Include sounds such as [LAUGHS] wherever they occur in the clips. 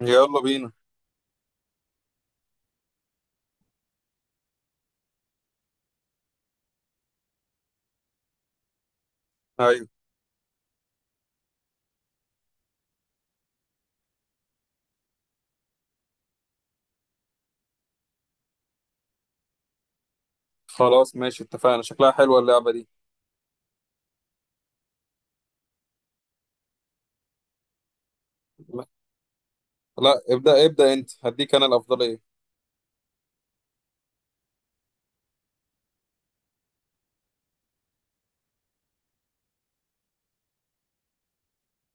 يلا بينا. ايوه، خلاص ماشي اتفقنا، شكلها حلوة اللعبة دي. لا، لا، ابدأ ابدأ انت، هديك انا الأفضلية.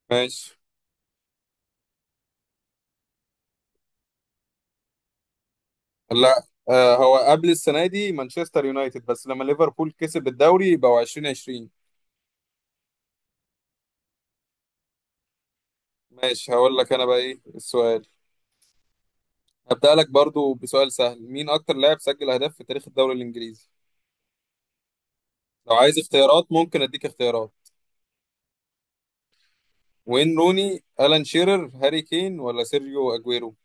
ماشي. لا، هو قبل السنة دي مانشستر يونايتد، بس لما ليفربول كسب الدوري يبقوا 2020. ماشي، هقول لك انا بقى ايه السؤال. هبدأ لك برضو بسؤال سهل: مين اكتر لاعب سجل اهداف في تاريخ الدوري الانجليزي؟ لو عايز اختيارات ممكن اديك اختيارات. وين روني، ألان شيرر، هاري كين، ولا سيرجيو اجويرو؟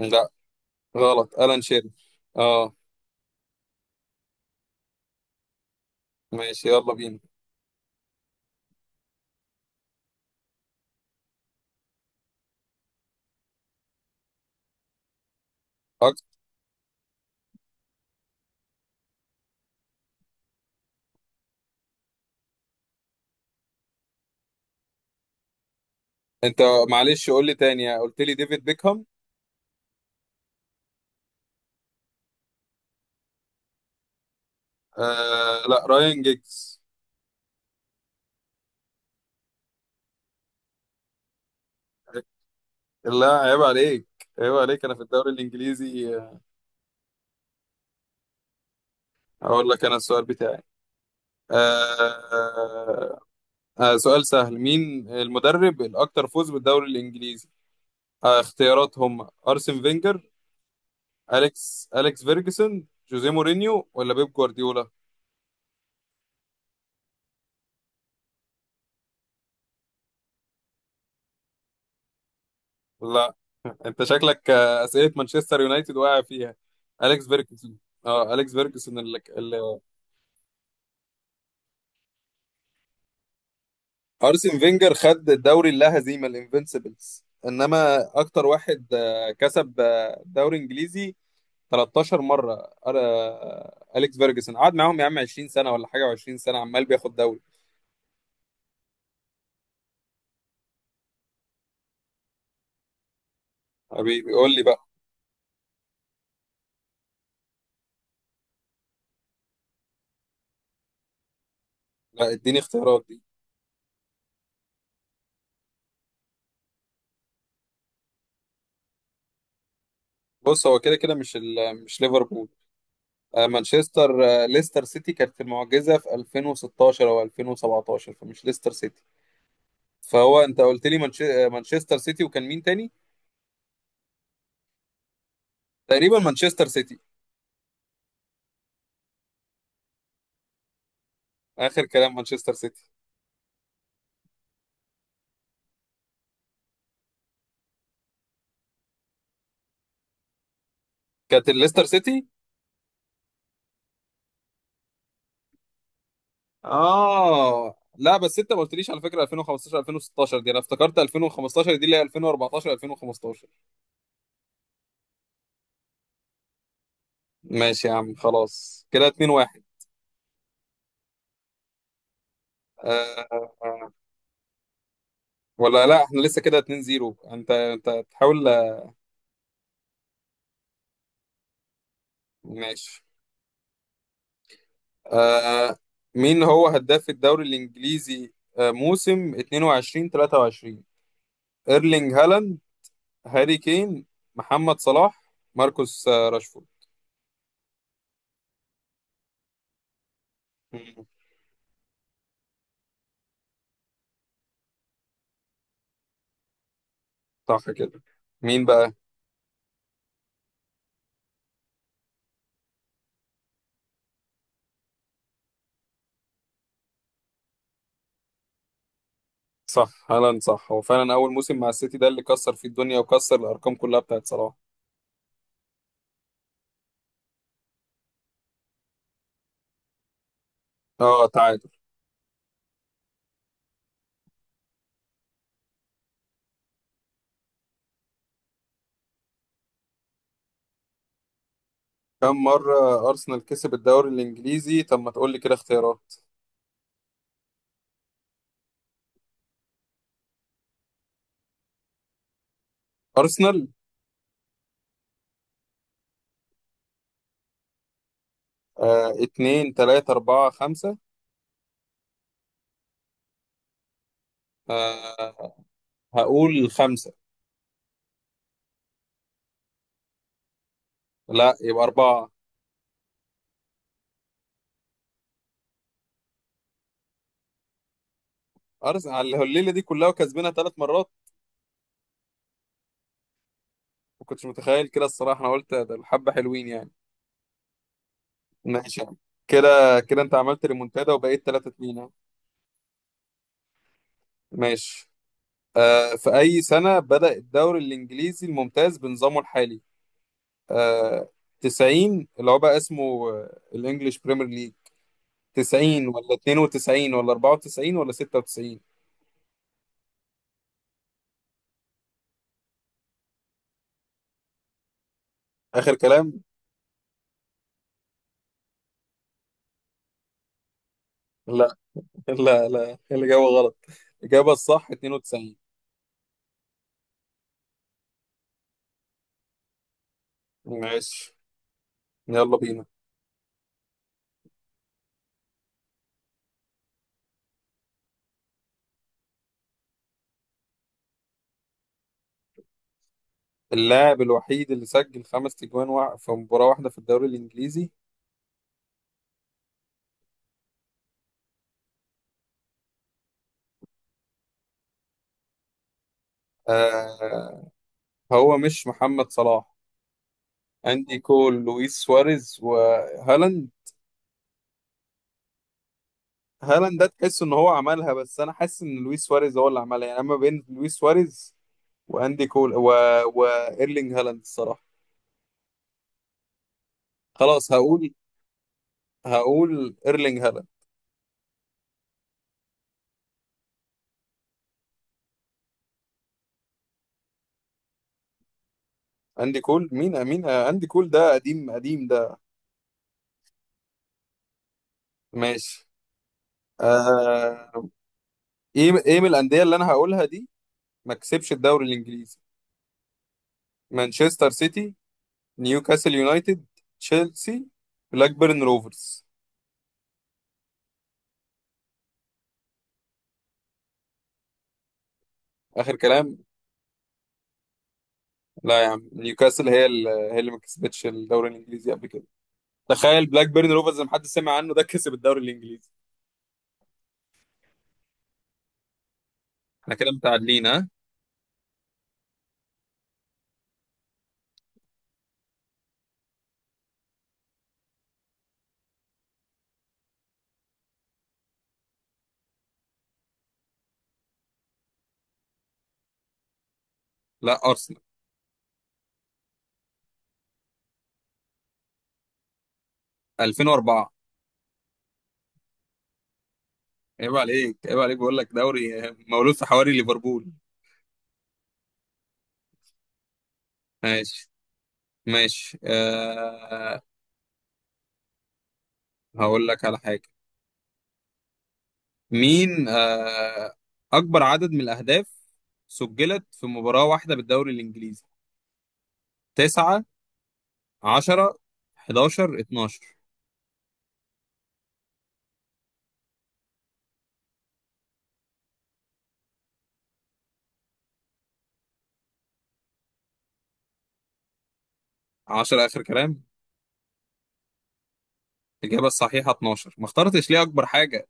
لا، غلط، ألان شيرر. اه. ماشي، يلا بينا. انت معلش قول لي تاني، قلت لي ديفيد بيكهام. لا، رايان جيجز. لا، عيب عليك، عيب عليك، انا في الدوري الانجليزي. اقول لك انا السؤال بتاعي. آه سؤال سهل: مين المدرب الاكثر فوز بالدوري الانجليزي؟ اختيارات هم ارسن فينجر، اليكس فيرجسون، جوزيه مورينيو، ولا بيب جوارديولا؟ لا. [LAUGHS] انت شكلك اسئله مانشستر يونايتد واقع فيها. اليكس فيرجسون. اه، اليكس فيرجسون اللي... ارسن فينجر خد الدوري اللا هزيمه الانفنسبلز، انما اكتر واحد كسب دوري انجليزي 13 مره. اليكس فيرجسون قعد معاهم يا عم 20 سنه ولا حاجه، و20 سنه عمال بياخد دوري. حبيبي بيقول لي بقى. لا، اديني اختيارات دي. بص هو كده كده مش مش ليفربول. مانشستر ليستر سيتي كانت المعجزه في 2016 او 2017، فمش ليستر سيتي. فهو انت قلت لي منش... آه، مانشستر سيتي، وكان مين تاني؟ تقريبا مانشستر سيتي. اخر كلام مانشستر سيتي. كانت الليستر سيتي. اه لا، بس انت ما قلتليش على فكره 2015 2016 دي، انا افتكرت 2015 دي اللي هي 2014 2015. ماشي يا عم خلاص، كده 2-1. آه. آه. آه. ولا لا، احنا لسه كده 2-0، انت تحاول. ماشي. آه، مين هو هداف الدوري الانجليزي موسم 22/23؟ ايرلينج هالاند، هاري كين، محمد صلاح، ماركوس راشفورد. مم. صح كده. مين بقى؟ صح، هالاند صح، هو فعلا اول موسم مع السيتي ده اللي كسر فيه الدنيا وكسر الارقام كلها بتاعت صلاح. اه، تعادل. كم مرة ارسنال كسب الدوري الانجليزي؟ طب ما تقول لي كده اختيارات. ارسنال. اتنين، تلاتة، اربعة، خمسة. آه هقول خمسة. لا، يبقى اربعة. ارسنال على الليلة دي كلها وكسبنا ثلاث مرات؟ ما كنتش متخيل كده الصراحة، انا قلت ده الحبة حلوين يعني. ماشي يا عم. كده كده انت عملت ريمونتادا وبقيت 3-2. ماشي. في أي سنة بدأ الدوري الإنجليزي الممتاز بنظامه الحالي؟ آه، 90 اللي هو بقى اسمه الإنجليش بريمير ليج. 90 ولا 92 ولا 94 ولا 96؟ آخر كلام؟ لا، لا، لا، الإجابة غلط. الإجابة الصح 92. ماشي، يلا بينا. اللاعب الوحيد اللي سجل خمس تجوان في مباراة واحدة في الدوري الإنجليزي؟ آه، هو مش محمد صلاح. أندي كول، لويس سواريز، وهالاند. هالاند ده تحس ان هو عملها، بس انا حاسس ان لويس سواريز هو اللي عملها يعني. اما بين لويس سواريز، واندي كول، و... وايرلينج هالاند الصراحه، خلاص. هقول ايرلينج هالاند. اندي كول؟ مين مين آه، اندي كول ده قديم قديم ده. ماشي. آه... ايه من الانديه اللي انا هقولها دي ما كسبش الدوري الانجليزي؟ مانشستر سيتي، نيوكاسل يونايتد، تشيلسي، بلاكبيرن روفرز. اخر كلام. لا يا عم، نيوكاسل هي اللي ما كسبتش الدوري الانجليزي قبل كده. تخيل بلاك بيرن روفرز ما حد سمع عنه ده كسب الدوري الانجليزي. احنا كده متعادلين، ها. لا، ارسنال 2004. عيب عليك، عيب عليك، بقول لك دوري مولود في حواري ليفربول. ماشي، ماشي أه. هقول لك على حاجه. مين أه اكبر عدد من الاهداف سجلت في مباراه واحده بالدوري الانجليزي؟ 9، 10، 11، 12؟ 10 اخر كلام. الاجابه الصحيحه 12. ما اخترتش ليه اكبر حاجه؟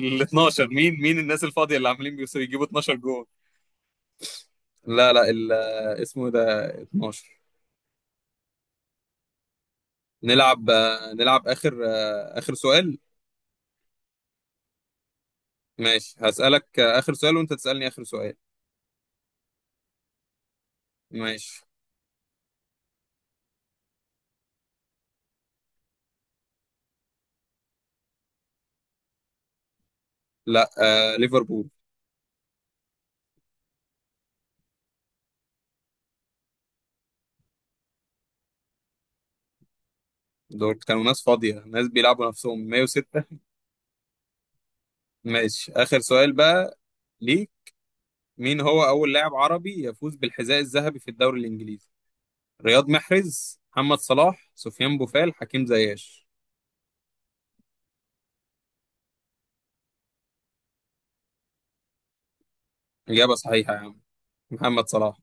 ال 12، مين الناس الفاضية اللي عاملين بيوصل يجيبوا 12 جول؟ لا لا، اسمه ده 12. نلعب آخر سؤال. ماشي، هسألك آخر سؤال، وأنت تسألني آخر سؤال. ماشي. لا، آه، ليفربول. دول كانوا ناس فاضية، ناس بيلعبوا نفسهم 106. ماشي، آخر سؤال بقى ليك. مين هو أول لاعب عربي يفوز بالحذاء الذهبي في الدوري الإنجليزي؟ رياض محرز، محمد صلاح، سفيان بوفال، حكيم زياش؟ إجابة صحيحة يا عم، محمد صلاح.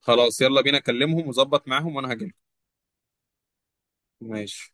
خلاص، يلا بينا، كلمهم وظبط معاهم وانا هجيلكم. ماشي.